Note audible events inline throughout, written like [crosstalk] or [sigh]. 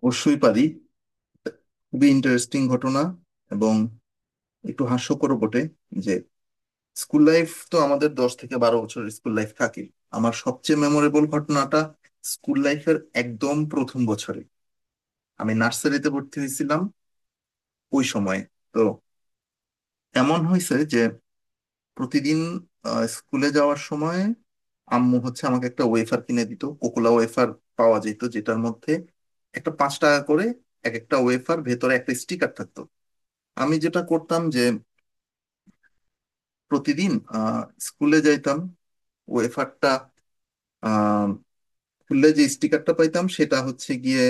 অবশ্যই পারি। খুবই ইন্টারেস্টিং ঘটনা এবং একটু হাস্যকরও বটে যে স্কুল লাইফ তো আমাদের 10 থেকে 12 বছরের স্কুল লাইফ থাকে। আমার সবচেয়ে মেমোরেবল ঘটনাটা স্কুল লাইফের একদম প্রথম বছরে, আমি নার্সারিতে ভর্তি হয়েছিলাম ওই সময়ে। তো এমন হয়েছে যে প্রতিদিন স্কুলে যাওয়ার সময় আম্মু হচ্ছে আমাকে একটা ওয়েফার কিনে দিত, কোকোলা ওয়েফার পাওয়া যেত, যেটার মধ্যে একটা 5 টাকা করে এক একটা ওয়েফার ভেতরে একটা স্টিকার থাকতো। আমি যেটা করতাম যে প্রতিদিন আহ, স্কুলে যাইতাম, ওয়েফারটা আহ, খুললে যে স্টিকারটা পাইতাম সেটা হচ্ছে গিয়ে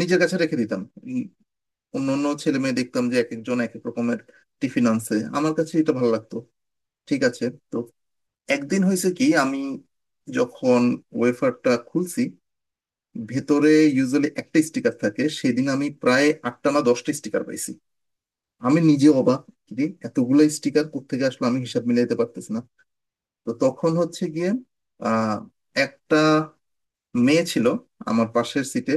নিজের কাছে রেখে দিতাম। উম, অন্য অন্য ছেলে মেয়ে দেখতাম যে এক একজন এক এক রকমের টিফিন আনছে, আমার কাছে এটা ভালো লাগতো, ঠিক আছে। তো একদিন হয়েছে কি, আমি যখন ওয়েফারটা খুলছি, ভেতরে ইউজুয়ালি একটা স্টিকার থাকে, সেদিন আমি প্রায় 8টা না 10টা স্টিকার পাইছি। আমি নিজে অবাক, কিরে, এতগুলো স্টিকার কোত্থেকে আসলো, আমি হিসাব মিলাইতে পারতেছি না। তো তখন হচ্ছে গিয়ে আহ একটা মেয়ে ছিল আমার পাশের সিটে,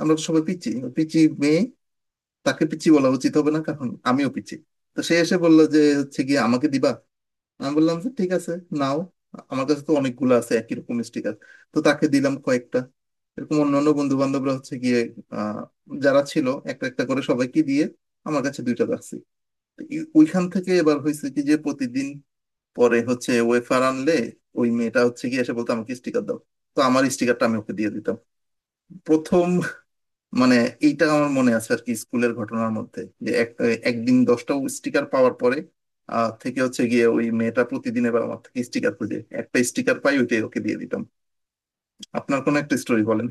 আমরা তো সবাই পিচি, পিচি মেয়ে, তাকে পিচি বলা উচিত হবে না কারণ আমিও পিচি। তো সে এসে বললো যে হচ্ছে গিয়ে আমাকে দিবা, আমি বললাম যে ঠিক আছে নাও, আমার কাছে তো অনেকগুলো আছে একই রকম স্টিকার। তো তাকে দিলাম কয়েকটা, এরকম অন্যান্য বন্ধু বান্ধবরা হচ্ছে গিয়ে আহ যারা ছিল একটা একটা করে সবাইকে দিয়ে আমার কাছে দুইটা রাখছি। তো ওইখান থেকে এবার হয়েছে কি যে প্রতিদিন পরে হচ্ছে ওয়েফার আনলে ওই মেয়েটা হচ্ছে গিয়ে এসে বলতো আমাকে স্টিকার দাও, তো আমার স্টিকারটা আমি ওকে দিয়ে দিতাম। প্রথম মানে এইটা আমার মনে আছে আর কি স্কুলের ঘটনার মধ্যে, যে এক একদিন 10টা স্টিকার পাওয়ার পরে থেকে হচ্ছে গিয়ে ওই মেয়েটা প্রতিদিন এবার আমার থেকে স্টিকার খুঁজে, একটা স্টিকার পাই ওইটাই ওকে দিয়ে দিতাম। আপনার কোনো একটা স্টোরি বলেন।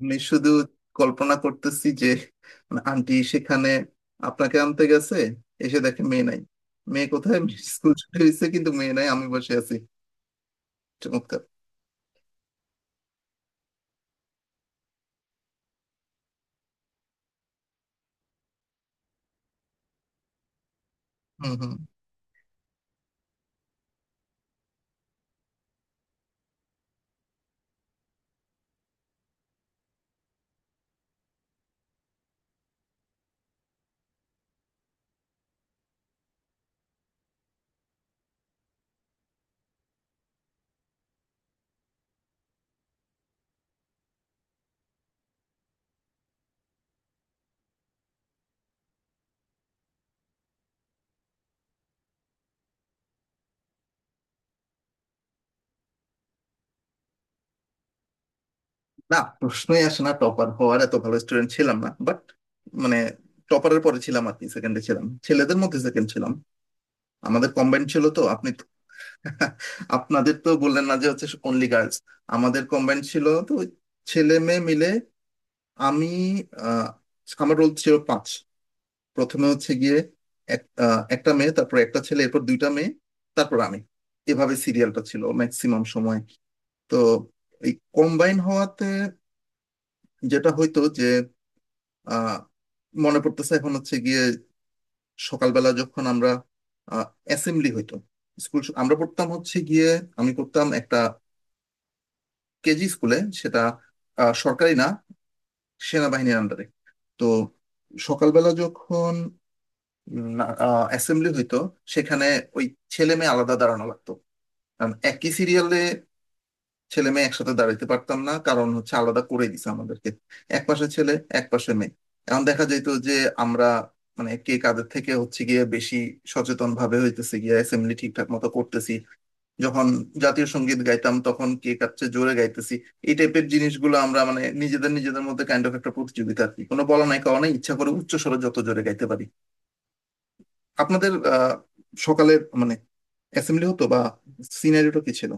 আমি শুধু কল্পনা করতেছি যে মানে আন্টি সেখানে আপনাকে আনতে গেছে, এসে দেখে মেয়ে নাই, মেয়ে কোথায়, স্কুল ছুটি হয়েছে কিন্তু মেয়ে নাই, আমি বসে আছি। চমৎকার। হম হম। না, প্রশ্নই আসে না টপার হওয়ার, এত ভালো স্টুডেন্ট ছিলাম না, বাট মানে টপারের পরে ছিলাম আর কি, সেকেন্ডে ছিলাম, ছেলেদের মধ্যে সেকেন্ড ছিলাম। আমাদের কম্বাইন ছিল তো আপনি তো- [laughs] আপনাদের তো বললেন না যে হচ্ছে অনলি গার্লস। আমাদের কম্বাইন ছিল তো, ওই ছেলে মেয়ে মিলে। আমি আহ, আমার রোল ছিল পাঁচ। প্রথমে হচ্ছে গিয়ে একটা মেয়ে, তারপর একটা ছেলে, এরপর দুইটা মেয়ে, তারপর আমি, এভাবে সিরিয়ালটা ছিল ম্যাক্সিমাম সময়। তো এই কম্বাইন হওয়াতে যেটা হইতো যে আহ মনে পড়তেছে এখন হচ্ছে গিয়ে, সকালবেলা যখন আমরা অ্যাসেম্বলি হইতো, স্কুল আমরা পড়তাম হচ্ছে গিয়ে, আমি পড়তাম একটা কেজি স্কুলে, সেটা সরকারি না, সেনাবাহিনীর আন্ডারে। তো সকালবেলা যখন অ্যাসেম্বলি হইতো সেখানে ওই ছেলে মেয়ে আলাদা দাঁড়ানো লাগতো, কারণ একই সিরিয়ালে ছেলে মেয়ে একসাথে দাঁড়াইতে পারতাম না, কারণ হচ্ছে আলাদা করে দিছে আমাদেরকে, এক পাশে ছেলে এক পাশে মেয়ে। এখন দেখা যেত যে আমরা মানে কে কাদের থেকে হচ্ছে গিয়ে বেশি সচেতন ভাবে হইতেছে গিয়ে অ্যাসেম্বলি ঠিকঠাক মতো করতেছি, যখন জাতীয় সঙ্গীত গাইতাম তখন কে কার চেয়ে জোরে গাইতেছি। এই টাইপের জিনিসগুলো আমরা মানে নিজেদের নিজেদের মধ্যে কাইন্ড অফ একটা প্রতিযোগিতা আর কি, কোনো বলা নাই কারণে ইচ্ছা করে উচ্চ স্বরে যত জোরে গাইতে পারি। আপনাদের সকালের মানে অ্যাসেম্বলি হতো বা সিনারিটা কি ছিল?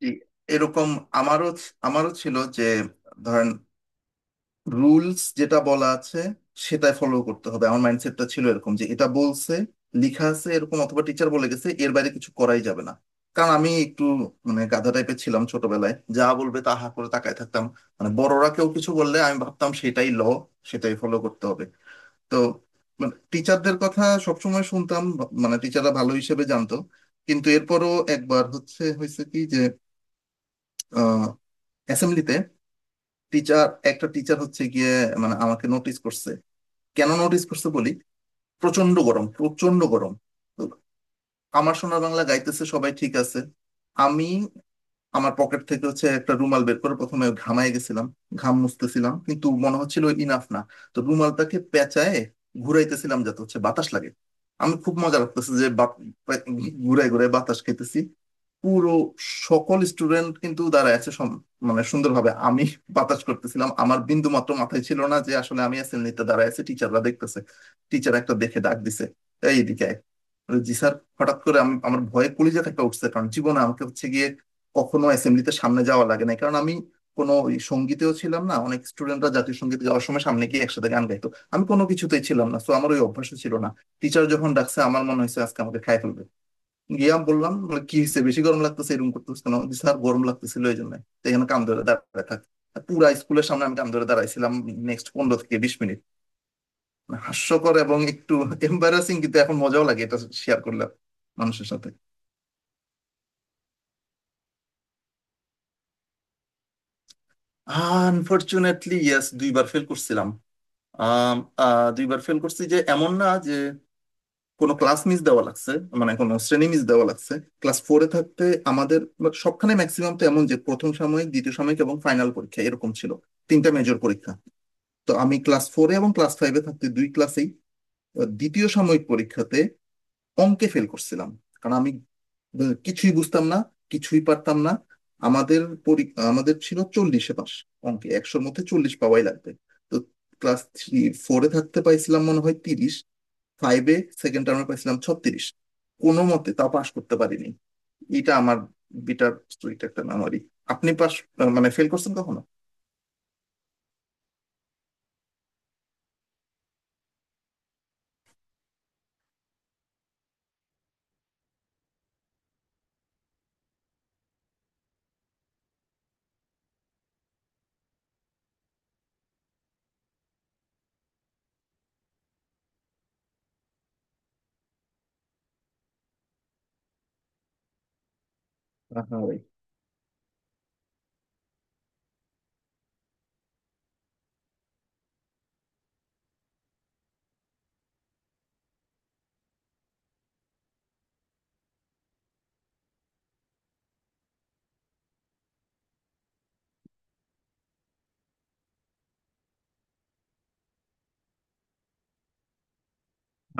জি, এরকম আমারও ছিল যে ধরেন রুলস যেটা বলা আছে সেটা ফলো করতে হবে, আমার মাইন্ডসেটটা ছিল এরকম যে এটা বলছে, লিখা আছে এরকম অথবা টিচার বলে গেছে, এর বাইরে কিছু করাই যাবে না। কারণ আমি একটু মানে গাধা টাইপের ছিলাম ছোটবেলায়, যা বলবে তা হা করে তাকায় থাকতাম, মানে বড়রা কেউ কিছু বললে আমি ভাবতাম সেটাই ল, সেটাই ফলো করতে হবে। তো মানে টিচারদের কথা সবসময় শুনতাম, মানে টিচাররা ভালো হিসেবে জানতো। কিন্তু এরপরও একবার হচ্ছে হয়েছে কি যে অ্যাসেম্বলিতে টিচার, একটা টিচার হচ্ছে গিয়ে মানে আমাকে নোটিস করছে। কেন নোটিস করছে বলি, প্রচন্ড গরম প্রচন্ড গরম। তো আমার সোনার বাংলা গাইতেছে সবাই ঠিক আছে, আমি আমার পকেট থেকে হচ্ছে একটা রুমাল বের করে প্রথমে ঘামায় গেছিলাম, ঘাম মুছতেছিলাম কিন্তু মনে হচ্ছিল ইনাফ না। তো রুমালটাকে পেঁচায় ঘুরাইতেছিলাম যাতে হচ্ছে বাতাস লাগে, আমি খুব মজা লাগতেছে যে ঘুরে ঘুরে বাতাস খেতেছি। পুরো সকল স্টুডেন্ট কিন্তু দাঁড়ায় আছে মানে সুন্দরভাবে আমি বাতাস করতেছিলাম, আমার বিন্দু মাত্র মাথায় ছিল না যে আসলে আমি অ্যাসেম্বলিতে দাঁড়ায় আছে, টিচাররা দেখতেছে। টিচার একটা দেখে ডাক দিছে, এইদিকে আয়।" মানে জি স্যার, হঠাৎ করে আমার ভয়ে কলিজা থেকে উঠছে, কারণ জীবনে আমাকে হচ্ছে গিয়ে কখনো অ্যাসেম্বলিতে সামনে যাওয়া লাগে নাই, কারণ আমি কোনো ওই সঙ্গীতেও ছিলাম না, অনেক স্টুডেন্টরা জাতীয় সঙ্গীত গাওয়ার সময় সামনে গিয়ে একসাথে গান গাইতো, আমি কোনো কিছুতেই ছিলাম না, তো আমার ওই অভ্যাস ছিল না। টিচার যখন ডাকছে আমার মনে হয়েছে আজকে আমাকে খাই ফেলবে। গিয়ে আমি বললাম বলে, কি হয়েছে বেশি গরম লাগতেছে এরকম করতেছে কেন, "জি স্যার গরম লাগতেছিল এই জন্য"। তো এখানে কাম ধরে দাঁড়ায় থাক, পুরা স্কুলের সামনে আমি কাম ধরে দাঁড়াইছিলাম নেক্সট 15 থেকে 20 মিনিট। হাস্যকর এবং একটু এম্বারাসিং কিন্তু এখন মজাও লাগে, এটা শেয়ার করলাম মানুষের সাথে। আনফরচুনেটলি ইয়েস, দুইবার ফেল করছিলাম। আম, দুইবার ফেল করছি, যে এমন না যে কোনো ক্লাস মিস দেওয়া লাগছে, মানে কোনো শ্রেণী মিস দেওয়া লাগছে। ক্লাস ফোরে থাকতে, আমাদের সবখানে ম্যাক্সিমাম তো এমন, যে প্রথম সাময়িক দ্বিতীয় সাময়িক এবং ফাইনাল পরীক্ষা এরকম ছিল, তিনটা মেজর পরীক্ষা। তো আমি ক্লাস ফোরে এবং ক্লাস ফাইভে থাকতে দুই ক্লাসেই দ্বিতীয় সাময়িক পরীক্ষাতে অঙ্কে ফেল করছিলাম, কারণ আমি কিছুই বুঝতাম না, কিছুই পারতাম না। আমাদের আমাদের ছিল 40-এ পাস, অঙ্কে 100-র মধ্যে 40 পাওয়াই লাগবে। তো ক্লাস থ্রি ফোরে থাকতে পাইছিলাম মনে হয় 30, ফাইভে সেকেন্ড টার্মে পাইছিলাম 36, কোনো মতে তা পাশ করতে পারিনি। এটা আমার বিটার স্টোরিটা, একটা মেমোরি। আপনি পাস মানে ফেল করছেন কখনো? আহারে।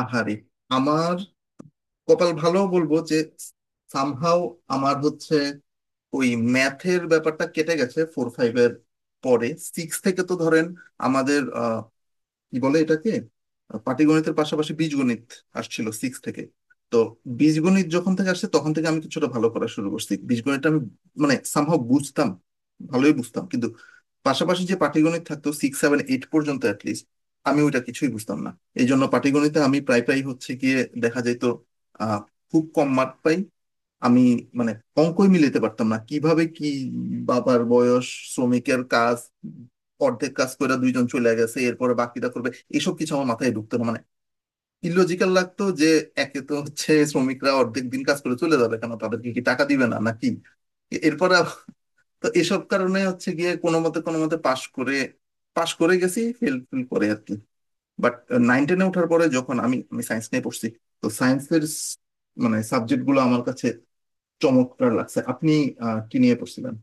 আহারে, আমার কপাল ভালো বলবো যে সামহাও আমার হচ্ছে ওই ম্যাথের ব্যাপারটা কেটে গেছে ফোর ফাইভের পরে। সিক্স থেকে তো ধরেন আমাদের কি বলে এটাকে, পাটিগণিতের পাশাপাশি বীজগণিত আসছিল সিক্স থেকে। তো বীজগণিত যখন থেকে আসছে তখন থেকে আমি কিছুটা ভালো করা শুরু করছি, বীজগণিতটা আমি মানে সামহাও বুঝতাম, ভালোই বুঝতাম, কিন্তু পাশাপাশি যে পাটিগণিত থাকতো সিক্স সেভেন এইট পর্যন্ত অ্যাটলিস্ট, আমি ওইটা কিছুই বুঝতাম না। এই জন্য পাটিগণিতে আমি প্রায় প্রায় হচ্ছে গিয়ে দেখা যেত আহ খুব কম মার্ক পাই আমি, মানে অঙ্কই মিলাতে পারতাম না কিভাবে কি, বাবার বয়স, শ্রমিকের কাজ, অর্ধেক কাজ করে দুইজন চলে গেছে এরপরে বাকিটা করবে, এসব কিছু আমার মাথায় ঢুকতো না, মানে ইলজিক্যাল লাগতো যে একে তো হচ্ছে শ্রমিকরা অর্ধেক দিন কাজ করে চলে যাবে কেন, তাদেরকে কি টাকা দিবে না নাকি, এরপরে আবার। তো এসব কারণে হচ্ছে গিয়ে কোনো মতে কোনো মতে পাশ করে, পাশ করে গেছি ফেল ফেল করে আর কি। বাট নাইন টেনে ওঠার পরে যখন আমি আমি সায়েন্স নিয়ে পড়ছি, তো সায়েন্সের মানে সাবজেক্ট গুলো আমার কাছে চমৎকার লাগছে। আপনি কি নিয়ে পড়ছিলেন?